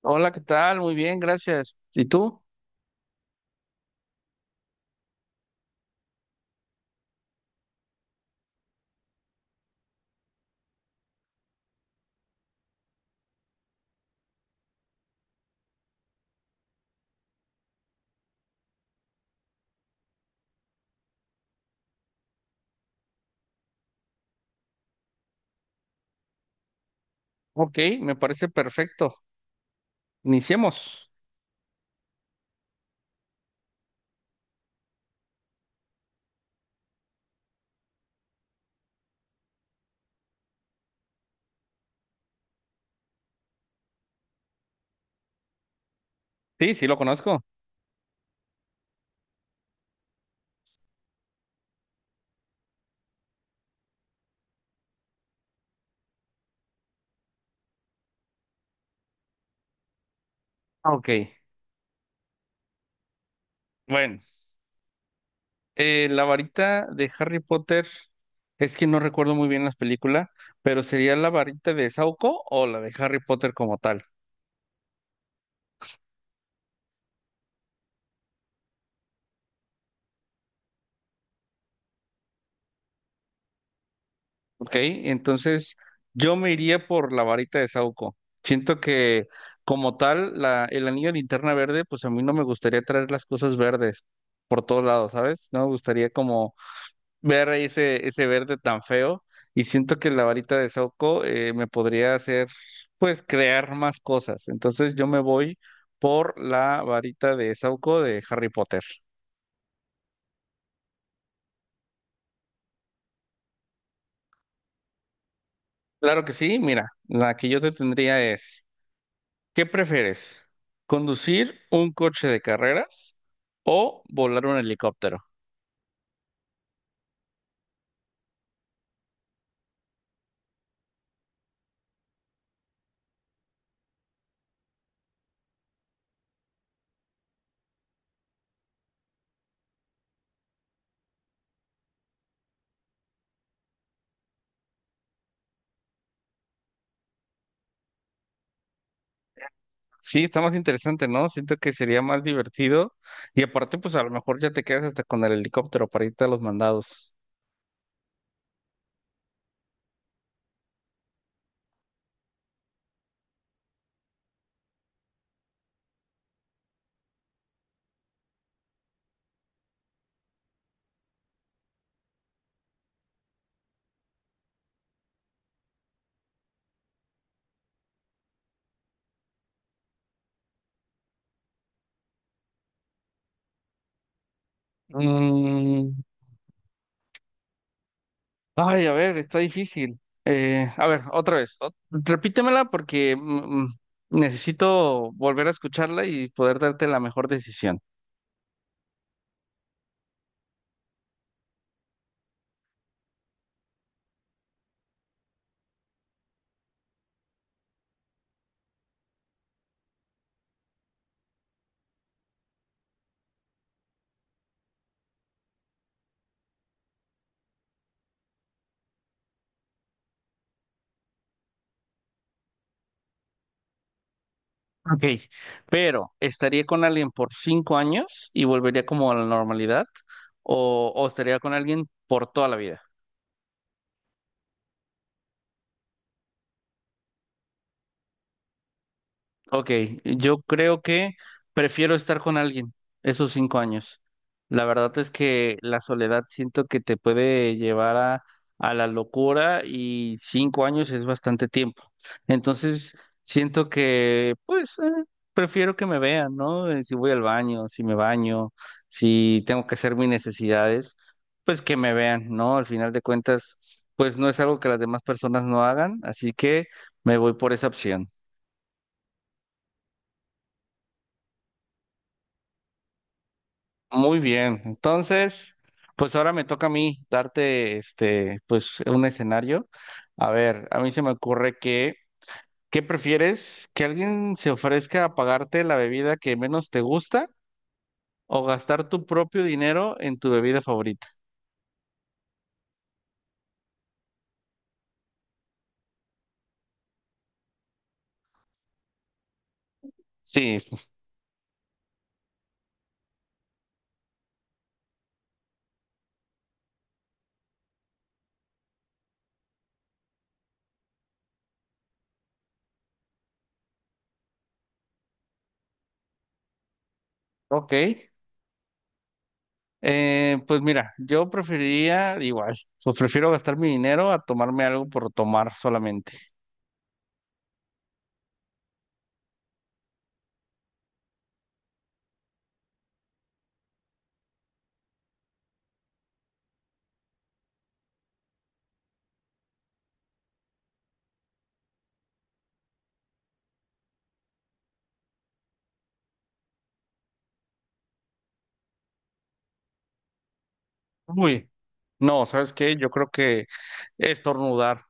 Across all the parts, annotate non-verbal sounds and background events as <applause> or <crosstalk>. Hola, ¿qué tal? Muy bien, gracias. ¿Y tú? Ok, me parece perfecto. Iniciemos. Sí, sí, lo conozco. Ah, Ok. Bueno, la varita de Harry Potter, es que no recuerdo muy bien las películas, pero sería la varita de Sauco o la de Harry Potter como tal. Ok, entonces yo me iría por la varita de Sauco. Siento que como tal, la, el anillo de linterna verde, pues a mí no me gustaría traer las cosas verdes por todos lados, ¿sabes? No me gustaría como ver ahí ese, ese verde tan feo y siento que la varita de Saoko me podría hacer, pues, crear más cosas. Entonces yo me voy por la varita de Saoko de Harry Potter. Claro que sí, mira, la que yo te tendría es, ¿qué prefieres? ¿Conducir un coche de carreras o volar un helicóptero? Sí, está más interesante, ¿no? Siento que sería más divertido y aparte, pues a lo mejor ya te quedas hasta con el helicóptero para irte a los mandados. Mm, ay, a ver, está difícil. A ver, otra vez. Repítemela porque necesito volver a escucharla y poder darte la mejor decisión. Ok, pero ¿estaría con alguien por 5 años y volvería como a la normalidad? O estaría con alguien por toda la vida? Ok, yo creo que prefiero estar con alguien esos 5 años. La verdad es que la soledad siento que te puede llevar a la locura y 5 años es bastante tiempo. Entonces, siento que, pues, prefiero que me vean, ¿no? Si voy al baño, si me baño, si tengo que hacer mis necesidades, pues que me vean, ¿no? Al final de cuentas, pues no es algo que las demás personas no hagan, así que me voy por esa opción. Muy bien. Entonces, pues ahora me toca a mí darte este, pues un escenario. A ver, a mí se me ocurre que, ¿qué prefieres? ¿Que alguien se ofrezca a pagarte la bebida que menos te gusta o gastar tu propio dinero en tu bebida favorita? Sí, ok. Pues mira, yo preferiría igual, pues prefiero gastar mi dinero a tomarme algo por tomar solamente. Uy, no, ¿sabes qué? Yo creo que estornudar.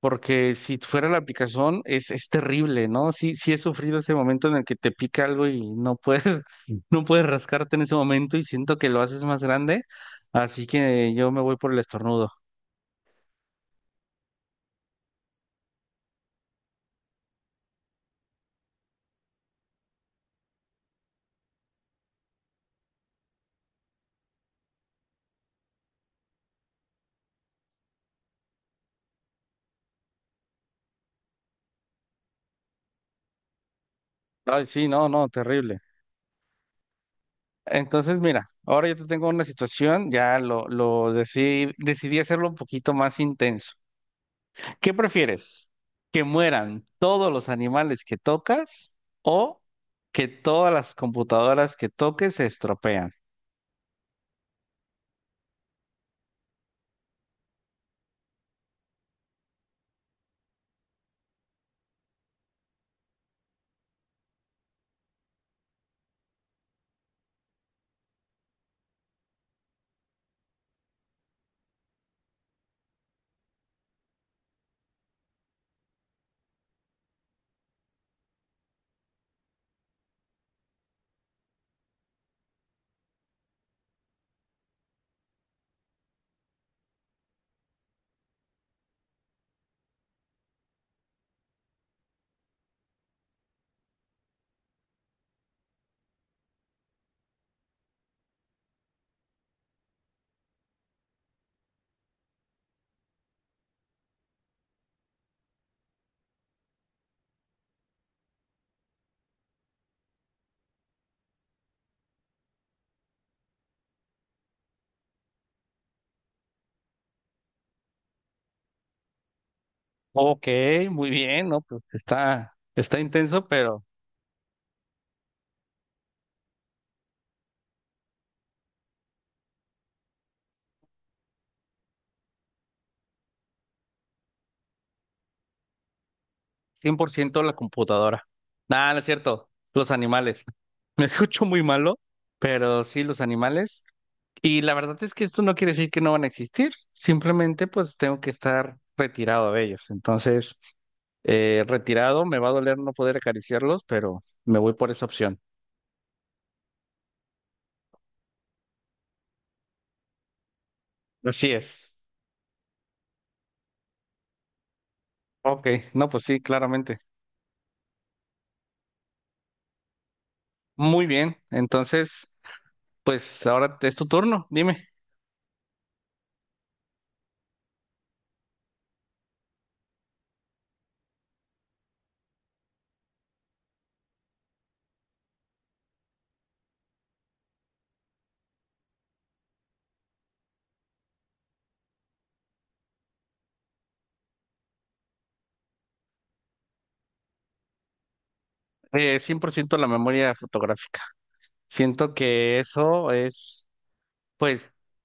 Porque si fuera la aplicación es terrible, ¿no? Sí, sí he sufrido ese momento en el que te pica algo y no puedes, <laughs> no puedes rascarte en ese momento y siento que lo haces más grande, así que yo me voy por el estornudo. Ay, sí, no, no, terrible. Entonces, mira, ahora yo te tengo una situación, ya lo decidí, decidí hacerlo un poquito más intenso. ¿Qué prefieres? ¿Que mueran todos los animales que tocas o que todas las computadoras que toques se estropean? Ok, muy bien, ¿no? Pues está, está intenso, pero 100% la computadora. Nada, no es cierto, los animales. <laughs> Me escucho muy malo, pero sí, los animales. Y la verdad es que esto no quiere decir que no van a existir, simplemente pues tengo que estar retirado de ellos. Entonces, retirado, me va a doler no poder acariciarlos, pero me voy por esa opción. Así es. Ok, no, pues sí, claramente. Muy bien, entonces, pues ahora es tu turno, dime. 100% la memoria fotográfica. Siento que eso es, pues,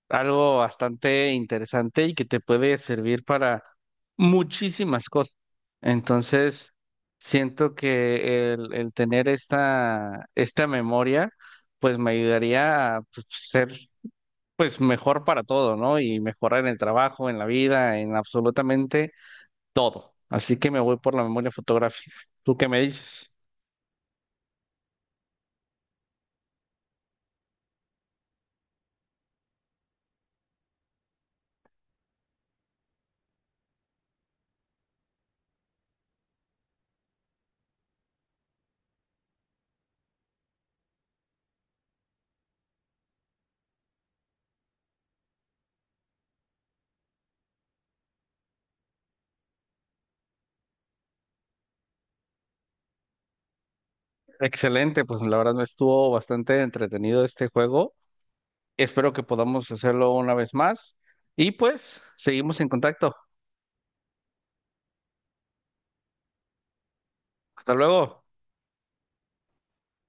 algo bastante interesante y que te puede servir para muchísimas cosas. Entonces, siento que el tener esta, esta memoria, pues, me ayudaría a pues, ser, pues, mejor para todo, ¿no? Y mejorar en el trabajo, en la vida, en absolutamente todo. Así que me voy por la memoria fotográfica. ¿Tú qué me dices? Excelente, pues la verdad me estuvo bastante entretenido este juego. Espero que podamos hacerlo una vez más. Y pues, seguimos en contacto. Hasta luego.